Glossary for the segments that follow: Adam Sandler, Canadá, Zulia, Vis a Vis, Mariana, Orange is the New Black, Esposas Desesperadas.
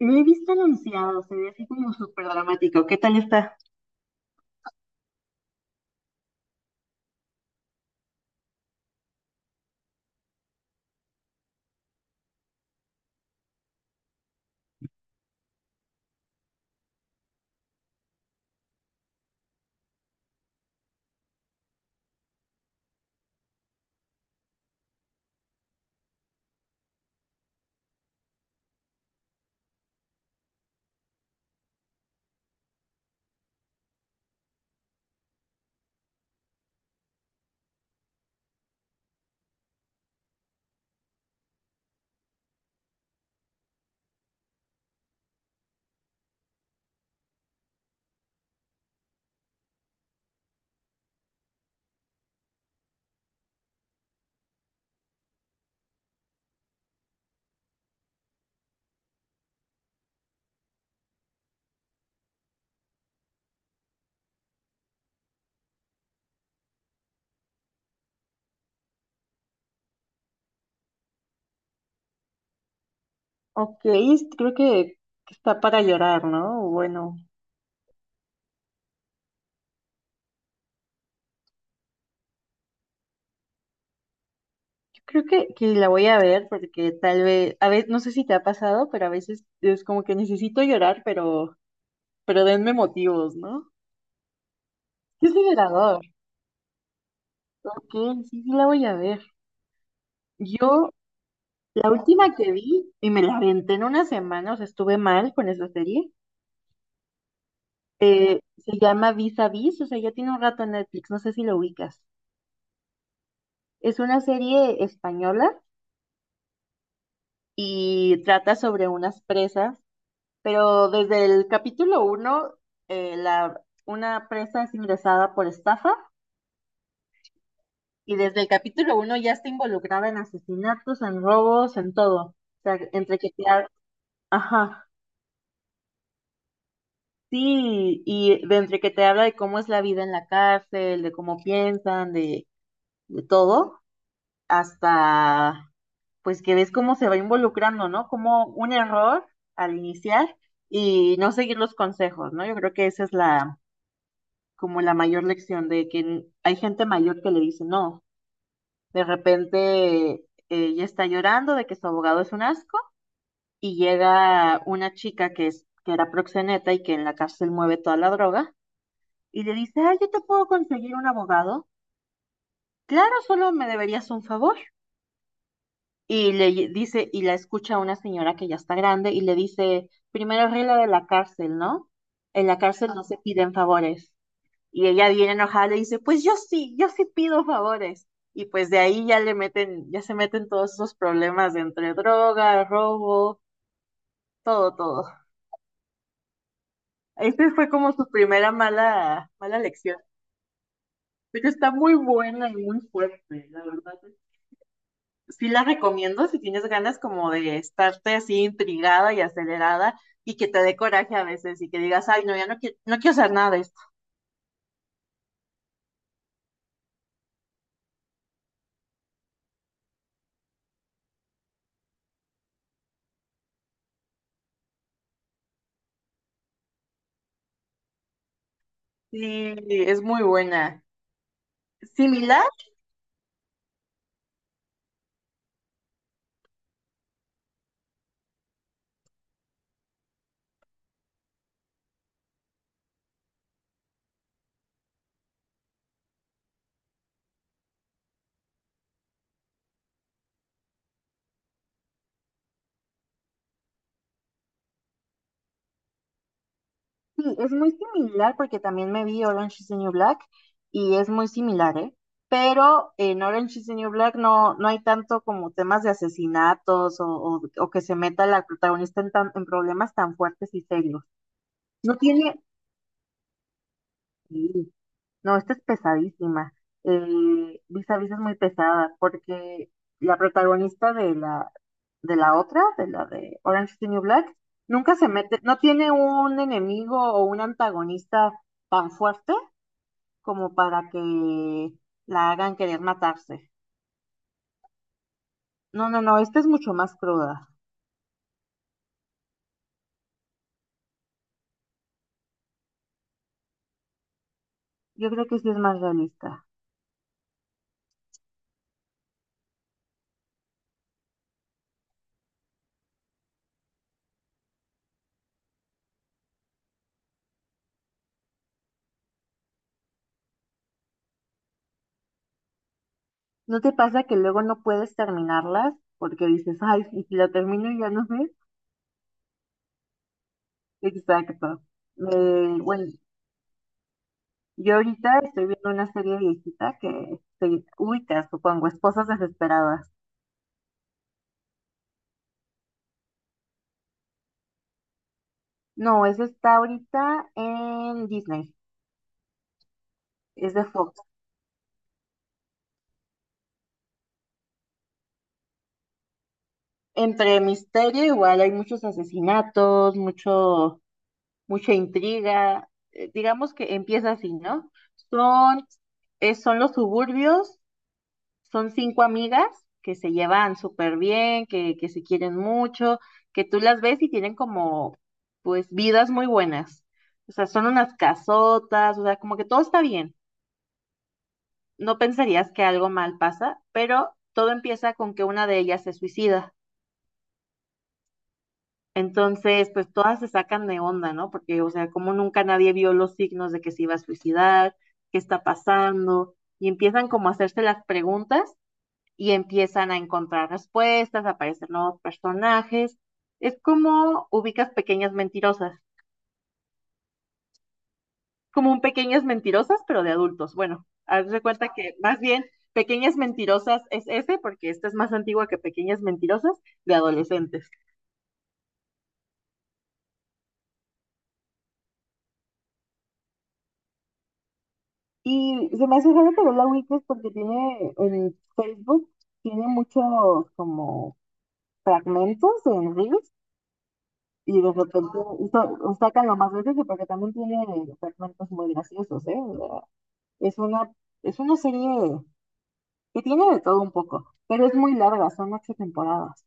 Lo he visto anunciado, se ve así como súper dramático. ¿Qué tal está? Ok, creo que está para llorar, ¿no? Bueno, yo creo que la voy a ver porque tal vez, a veces, no sé si te ha pasado, pero a veces es como que necesito llorar, pero denme motivos, ¿no? Es liberador. Ok, sí, sí la voy a ver. Yo, la última que vi, y me la aventé en una semana, o sea, estuve mal con esa serie, se llama Vis a Vis, o sea, ya tiene un rato en Netflix, no sé si lo ubicas. Es una serie española y trata sobre unas presas, pero desde el capítulo 1, una presa es ingresada por estafa y desde el capítulo 1 ya está involucrada en asesinatos, en robos, en todo. O sea, entre que te ha- Ajá, sí, y de entre que te habla de cómo es la vida en la cárcel, de cómo piensan, de todo, hasta pues que ves cómo se va involucrando, ¿no? Como un error al iniciar y no seguir los consejos, ¿no? Yo creo que esa es la, como la mayor lección de que hay gente mayor que le dice, no, de repente ella está llorando de que su abogado es un asco y llega una chica que era proxeneta y que en la cárcel mueve toda la droga y le dice, ah, yo te puedo conseguir un abogado. Claro, solo me deberías un favor. Y le dice, y la escucha una señora que ya está grande y le dice, primera regla de la cárcel, ¿no? En la cárcel no se piden favores. Y ella bien enojada le dice, pues yo sí, yo sí pido favores. Y pues de ahí ya se meten todos esos problemas de entre droga, robo, todo, todo. Este fue como su primera mala, mala lección. Pero está muy buena y muy fuerte, la verdad. Sí la recomiendo si tienes ganas como de estarte así intrigada y acelerada y que te dé coraje a veces y que digas, ay, no, ya no quiero, no quiero hacer nada de esto. Sí, es muy buena. Similar, sí, es muy similar porque también me vi Orange is the New Black y es muy similar, ¿eh? Pero en Orange is the New Black no, no hay tanto como temas de asesinatos o que se meta la protagonista en, tan- en problemas tan fuertes y serios. No tiene, sí, no, esta es pesadísima. Vis a Vis es muy pesada porque la protagonista de la, otra, de la de Orange is the New Black, nunca se mete, no tiene un enemigo o un antagonista tan fuerte como para que la hagan querer matarse. No, no, no, esta es mucho más cruda. Yo creo que sí es más realista. ¿No te pasa que luego no puedes terminarlas porque dices, ay, y si la termino y ya no sé? Exacto. Bueno, yo ahorita estoy viendo una serie viejita que se ubica, supongo, Esposas Desesperadas. No, esa está ahorita en Disney, es de Fox. Entre misterio, igual hay muchos asesinatos, mucha intriga. Digamos que empieza así, ¿no? Son, son los suburbios. Son cinco amigas que se llevan súper bien, que se quieren mucho, que tú las ves y tienen como, pues, vidas muy buenas. O sea, son unas casotas, o sea, como que todo está bien. No pensarías que algo mal pasa, pero todo empieza con que una de ellas se suicida. Entonces, pues todas se sacan de onda, ¿no? Porque, o sea, como nunca nadie vio los signos de que se iba a suicidar, qué está pasando, y empiezan como a hacerse las preguntas y empiezan a encontrar respuestas, aparecen nuevos personajes. Es como ubicas pequeñas mentirosas, como un pequeñas mentirosas, pero de adultos. Bueno, haz de cuenta que más bien pequeñas mentirosas es ese, porque esta es más antigua que pequeñas mentirosas de adolescentes. Y se me hace raro que la Wiki es porque tiene en Facebook, tiene muchos como fragmentos en Reels y de repente sa- sacan lo más veces porque también tiene fragmentos muy graciosos, ¿eh? Es una, es una serie que tiene de todo un poco, pero es muy larga, son ocho temporadas.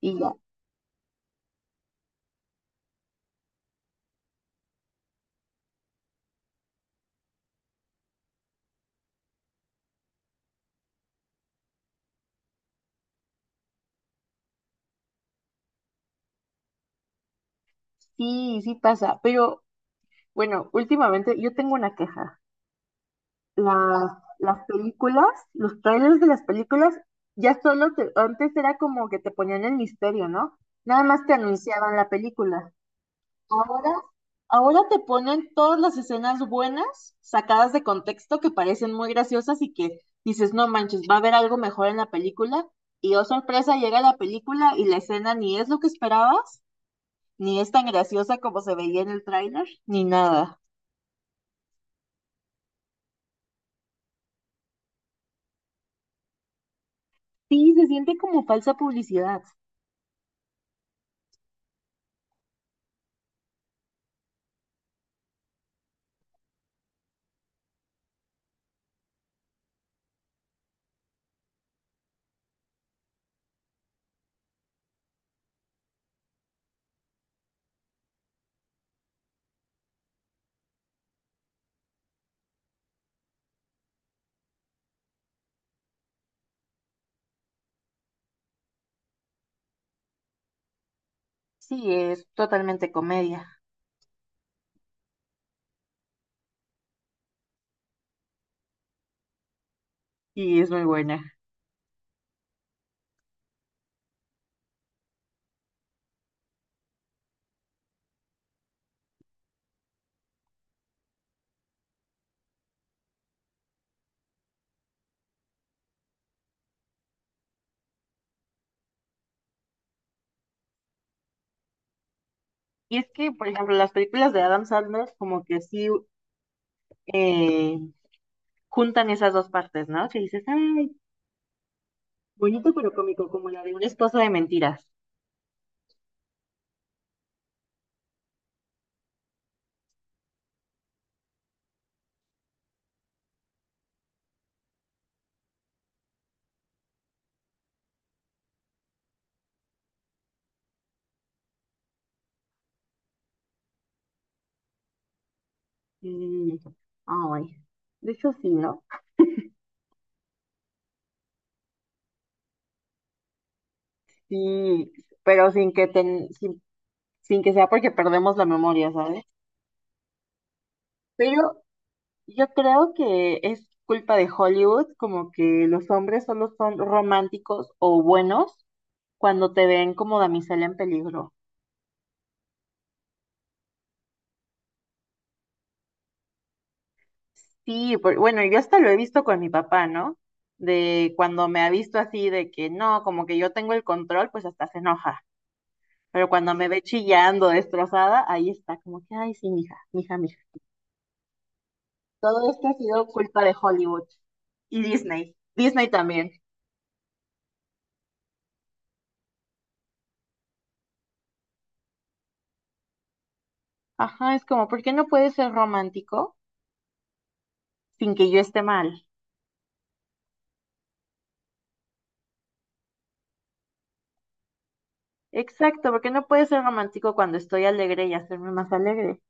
Y ya, sí, sí pasa. Pero bueno, últimamente yo tengo una queja. Las, las películas, los trailers de las películas, ya solo antes era como que te ponían el misterio, ¿no? Nada más te anunciaban la película. Ahora, ahora te ponen todas las escenas buenas, sacadas de contexto, que parecen muy graciosas y que dices, no manches, va a haber algo mejor en la película. Y oh sorpresa, llega la película y la escena ni es lo que esperabas, ni es tan graciosa como se veía en el tráiler, ni nada. Sí, se siente como falsa publicidad. Sí, es totalmente comedia y es muy buena. Y es que, por ejemplo, las películas de Adam Sandler como que sí eh, juntan esas dos partes, ¿no? Que dices, ay, bonito pero cómico, como la de una esposa de mentiras. Mm, ay, de hecho sí, ¿no? Sí, pero sin que sea porque perdemos la memoria, ¿sabes? Pero yo creo que es culpa de Hollywood, como que los hombres solo son románticos o buenos cuando te ven como damisela en peligro. Sí, bueno, yo hasta lo he visto con mi papá, ¿no? De cuando me ha visto así, de que no, como que yo tengo el control, pues hasta se enoja. Pero cuando me ve chillando, destrozada, ahí está, como que, ay, sí, mija, mija, mija. Todo esto ha sido culpa de Hollywood y Disney. Disney también. Ajá, es como, ¿por qué no puede ser romántico sin que yo esté mal? Exacto, ¿por qué no puede ser romántico cuando estoy alegre y hacerme más alegre?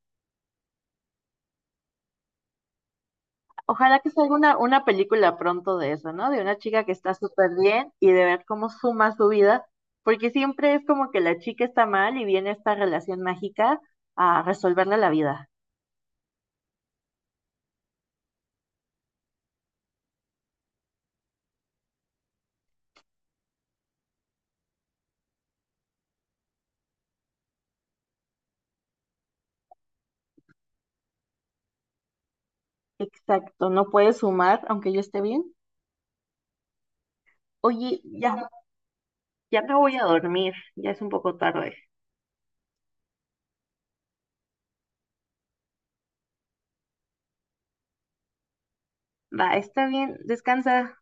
Ojalá que salga una película pronto de eso, ¿no? De una chica que está súper bien y de ver cómo suma su vida, porque siempre es como que la chica está mal y viene esta relación mágica a resolverle la vida. Exacto, no puedes sumar aunque yo esté bien. Oye, ya me voy a dormir, ya es un poco tarde. Va, está bien, descansa.